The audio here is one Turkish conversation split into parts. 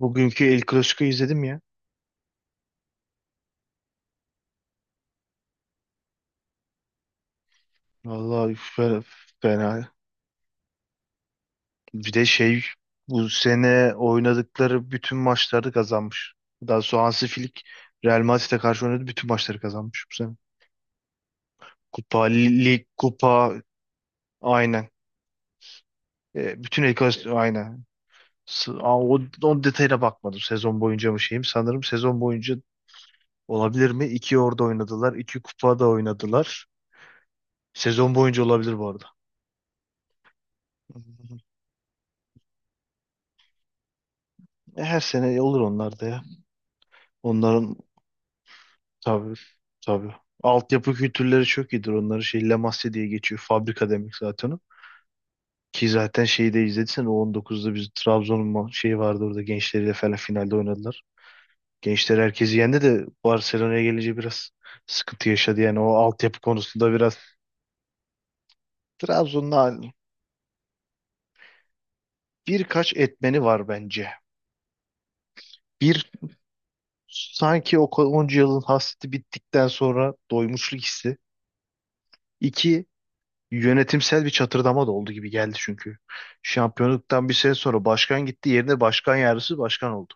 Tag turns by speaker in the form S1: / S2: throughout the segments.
S1: Bugünkü El Clasico'yu izledim ya. Vallahi fena. Bir de şey bu sene oynadıkları bütün maçları kazanmış. Daha sonra Hansi Flick Real Madrid'e karşı oynadı bütün maçları kazanmış bu sene. Kupa, lig, kupa aynen. Bütün El Clasico aynen. O detayına bakmadım, sezon boyunca mı şeyim. Sanırım sezon boyunca olabilir mi? İki orada oynadılar. İki kupa da oynadılar. Sezon boyunca olabilir bu arada. Her sene olur onlar da ya. Onların Tabii. Tabii. Altyapı kültürleri çok iyidir. Onların şey Lamasya diye geçiyor. Fabrika demek zaten o. Ki zaten şeyi de izlediysen o 2019'da biz Trabzon'un şeyi vardı, orada gençleriyle falan finalde oynadılar. Gençler herkesi yendi de Barcelona'ya gelince biraz sıkıntı yaşadı. Yani o altyapı konusunda biraz. Trabzon'un hali- Birkaç etmeni var bence. Bir, sanki o onca yılın hasreti bittikten sonra doymuşluk hissi. İki, yönetimsel bir çatırdama da oldu gibi geldi çünkü. Şampiyonluktan bir sene sonra başkan gitti, yerine başkan yardımcısı başkan oldu.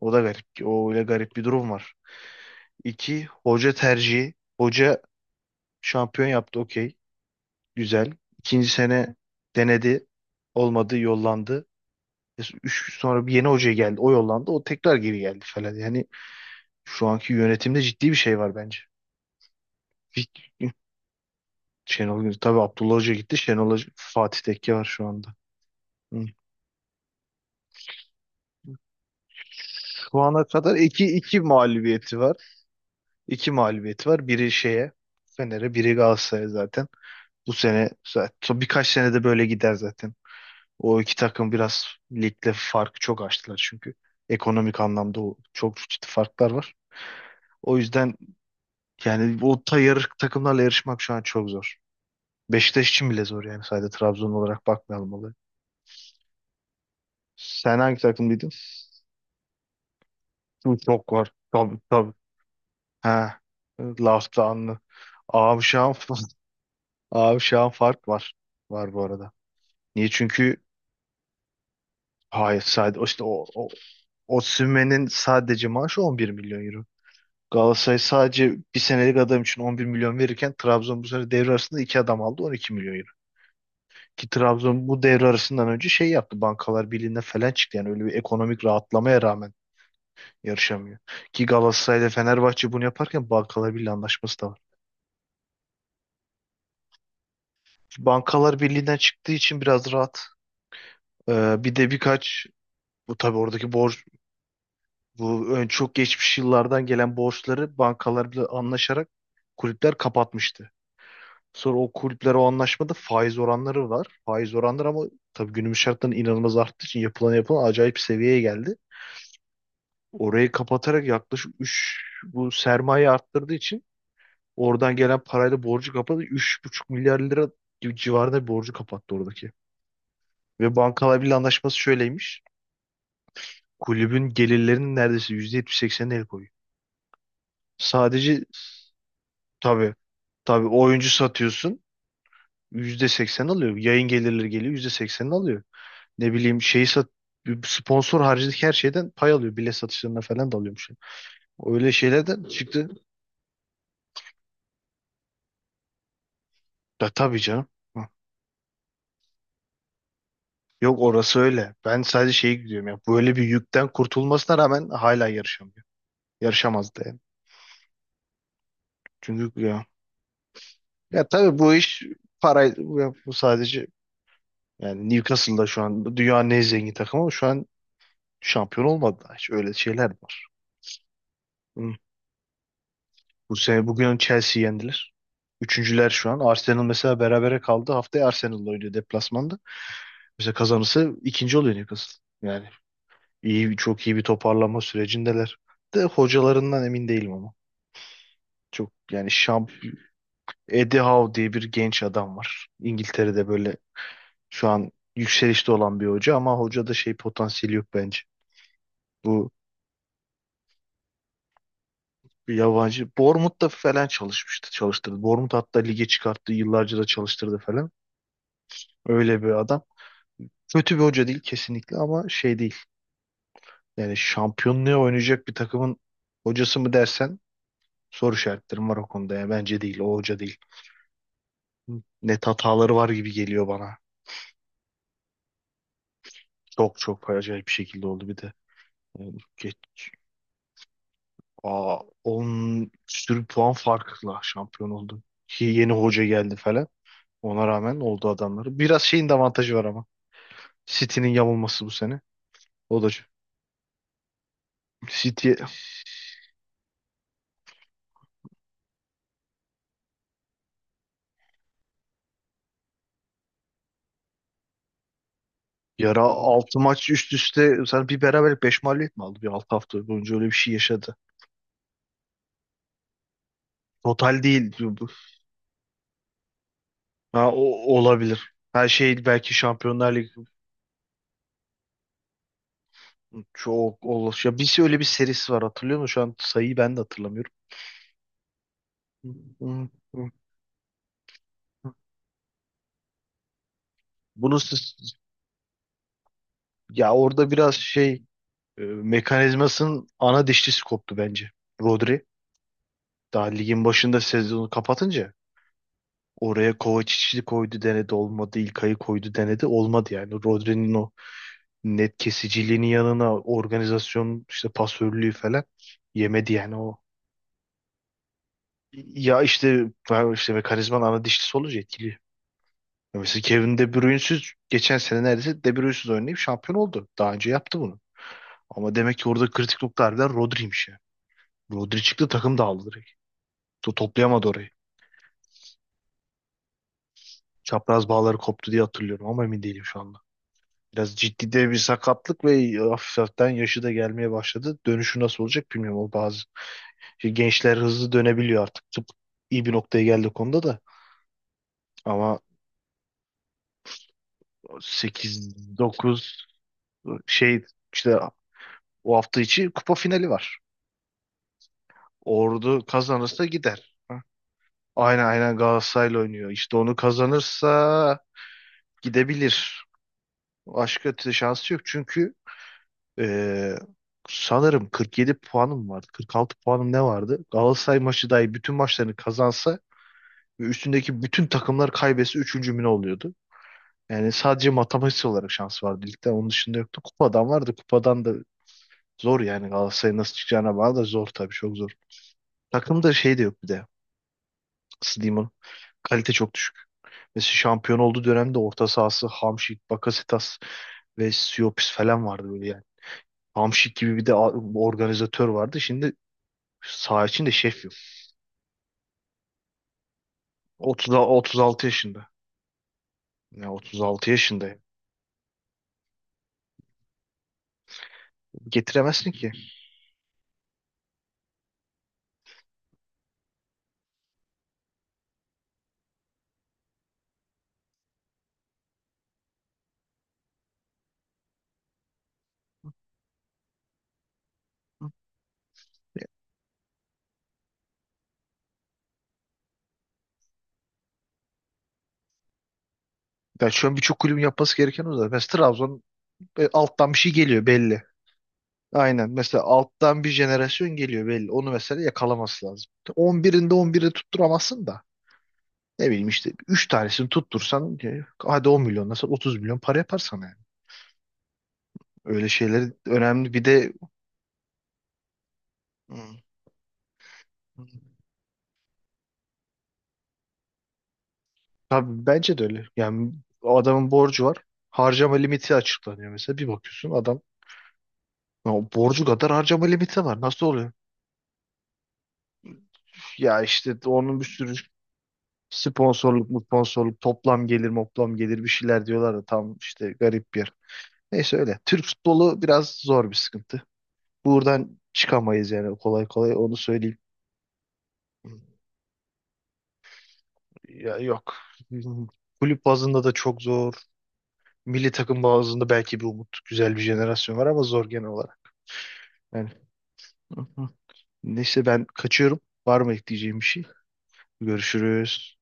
S1: O da garip. O öyle garip bir durum var. İki, hoca tercihi. Hoca şampiyon yaptı, okey. Güzel. İkinci sene denedi. Olmadı, yollandı. Üç, sonra bir yeni hoca geldi. O yollandı. O tekrar geri geldi falan. Yani şu anki yönetimde ciddi bir şey var bence. Bir- Şenol Güneş. Tabii Abdullah Hoca gitti. Şenol Hoca, Fatih Tekke var şu anda. Hı. Şu ana kadar iki mağlubiyeti var. İki mağlubiyeti var. Biri şeye, Fener'e, biri Galatasaray'a zaten. Bu sene zaten son birkaç senede böyle gider zaten. O iki takım biraz ligde farkı çok açtılar çünkü. Ekonomik anlamda çok ciddi farklar var. O yüzden yani o tayır takımlarla yarışmak şu an çok zor. Beşiktaş için bile zor yani, sadece Trabzon olarak bakmayalım olaya. Sen hangi takımlıydın? Bu çok var. Tabii, tabii. Ha. Laftanlı. Abi şu an Abi şu an fark var. Var bu arada. Niye? Çünkü hayır, sadece işte o Osimhen'in sadece maaşı 11 milyon euro. Galatasaray sadece bir senelik adam için 11 milyon verirken Trabzon bu sene devre arasında iki adam aldı 12 milyon euro. Ki Trabzon bu devre arasından önce şey yaptı, Bankalar Birliği'ne falan çıktı. Yani öyle bir ekonomik rahatlamaya rağmen yarışamıyor. Ki Galatasaray ile Fenerbahçe bunu yaparken Bankalar Birliği anlaşması da var. Bankalar Birliği'nden çıktığı için biraz rahat. Bir de birkaç, bu tabii oradaki borç. Bu ön çok geçmiş yıllardan gelen borçları bankalarla anlaşarak kulüpler kapatmıştı. Sonra o kulüpler, o anlaşmada faiz oranları var. Faiz oranları ama tabii günümüz şartlarında inanılmaz arttığı için yapılan acayip bir seviyeye geldi. Orayı kapatarak yaklaşık üç, bu sermaye arttırdığı için oradan gelen parayla borcu kapadı. Buçuk milyar lira gibi civarında bir borcu kapattı oradaki. Ve bankalar bile anlaşması şöyleymiş. Kulübün gelirlerinin neredeyse %70-80'ine el koyuyor. Sadece. Tabii. Tabii, oyuncu satıyorsun %80 alıyor. Yayın gelirleri geliyor %80'ini alıyor. Ne bileyim, şeyi sat, sponsor haricindeki her şeyden pay alıyor. Bilet satışlarına falan da alıyormuş. Öyle şeylerden çıktı. Da tabii canım. Hı. Yok orası öyle. Ben sadece şeyi gidiyorum ya, böyle bir yükten kurtulmasına rağmen hala yarışamıyor. Yarışamazdı yani. Çünkü ya. Ya tabii bu iş, parayı bu sadece, yani Newcastle'da şu an dünyanın en zengin takımı ama şu an şampiyon olmadı daha hiç. Öyle şeyler var. Hı. Bu sene bugün Chelsea yendiler. Üçüncüler şu an. Arsenal mesela berabere kaldı. Haftaya Arsenal'la oynuyor deplasmanda. Mesela kazanırsa ikinci oluyor Newcastle. Yani iyi, çok iyi bir toparlanma sürecindeler. De hocalarından emin değilim ama. Çok yani şamp Eddie Howe diye bir genç adam var. İngiltere'de böyle şu an yükselişte olan bir hoca, ama hocada şey potansiyeli yok bence. Bu bir yabancı. Bournemouth'ta falan çalışmıştı, çalıştırdı. Bournemouth hatta lige çıkarttı, yıllarca da çalıştırdı falan. Öyle bir adam. Kötü bir hoca değil kesinlikle, ama şey değil. Yani şampiyonluğa oynayacak bir takımın hocası mı dersen, soru işaretlerim var o konuda. Yani bence değil, o hoca değil. Net hataları var gibi geliyor bana. Çok çok acayip bir şekilde oldu bir de. Yani 10 sürü puan farkla şampiyon oldu. Ki yeni hoca geldi falan. Ona rağmen oldu adamları. Biraz şeyin de avantajı var ama, City'nin yamulması bu sene. O da City. Yara 6 maç üst üste sen bir beraberlik 5 mağlubiyet mi aldı? Bir 6 hafta boyunca öyle bir şey yaşadı. Total değil. Bu. Ha, olabilir. Her şey belki Şampiyonlar Ligi çok olur. Ya bir öyle bir serisi var, hatırlıyor musun? Şu an sayıyı ben de hatırlamıyorum. Bunu siz- Ya orada biraz şey, mekanizmasının ana dişlisi koptu bence. Rodri daha ligin başında sezonu kapatınca oraya Kovacic'i koydu, denedi, olmadı. İlkay'ı koydu, denedi, olmadı yani. Rodri'nin o net kesiciliğinin yanına organizasyon, işte pasörlüğü falan yemedi yani o. Ya işte ben, işte mekanizmanın ana dişlisi olunca etkili. Ya mesela Kevin De Bruyne'siz, geçen sene neredeyse De Bruyne'siz oynayıp şampiyon oldu. Daha önce yaptı bunu. Ama demek ki orada kritik nokta harbiden Rodri'ymiş ya. Rodri çıktı, takım dağıldı direkt. Toplayamadı orayı. Çapraz bağları koptu diye hatırlıyorum ama emin değilim şu anda. Biraz ciddi de bir sakatlık ve hafif hafiften yaşı da gelmeye başladı. Dönüşü nasıl olacak bilmiyorum. O bazı Şimdi gençler hızlı dönebiliyor artık. Tıp iyi bir noktaya geldi konuda da. Ama sekiz, dokuz şey, işte o hafta içi kupa finali var. Ordu kazanırsa gider. Ha? Aynen, aynen Galatasaray'la oynuyor. İşte onu kazanırsa gidebilir. Başka ötesi şansı yok. Çünkü eee, sanırım 47 puanım vardı. 46 puanım ne vardı? Galatasaray maçı dahi bütün maçlarını kazansa ve üstündeki bütün takımlar kaybetse üçüncü mü ne oluyordu? Yani sadece matematiksel olarak şans vardı ligde. Onun dışında yoktu. Kupadan vardı. Kupadan da zor, yani Galatasaray'ın nasıl çıkacağına bağlı, da zor tabii, çok zor. Takımda şey de yok bir de. Nasıl diyeyim onu? Kalite çok düşük. Mesela şampiyon olduğu dönemde orta sahası Hamşik, Bakasetas ve Siopis falan vardı böyle yani. Hamşik gibi bir de organizatör vardı. Şimdi saha içinde şef yok. 30, 36 yaşında. Ya 36 yaşında. Getiremezsin ki. Ya şu an birçok kulübün yapması gereken o zaten. Mesela Trabzon Alttan bir şey geliyor belli. Aynen. Mesela alttan bir jenerasyon geliyor belli. Onu mesela yakalaması lazım. 11'inde 11'i tutturamazsın da. Ne bileyim, işte 3 tanesini tuttursan hadi 10 milyon nasıl 30 milyon para yapar sana yani. Öyle şeyler önemli. Bir de. Hı, tabii bence de öyle. Yani o adamın borcu var. Harcama limiti açıklanıyor mesela. Bir bakıyorsun adam ya borcu kadar harcama limiti var. Nasıl oluyor? Ya işte onun bir sürü. Sponsorluk mu sponsorluk, toplam gelir moplam gelir, bir şeyler diyorlar da tam işte garip bir yer. Neyse öyle. Türk futbolu biraz zor bir sıkıntı. Buradan çıkamayız yani kolay kolay, onu söyleyeyim. Ya yok. Kulüp bazında da çok zor. Milli takım bazında belki bir umut. Güzel bir jenerasyon var ama zor genel olarak. Yani. Hı hı. Neyse ben kaçıyorum. Var mı ekleyeceğim bir şey? Görüşürüz.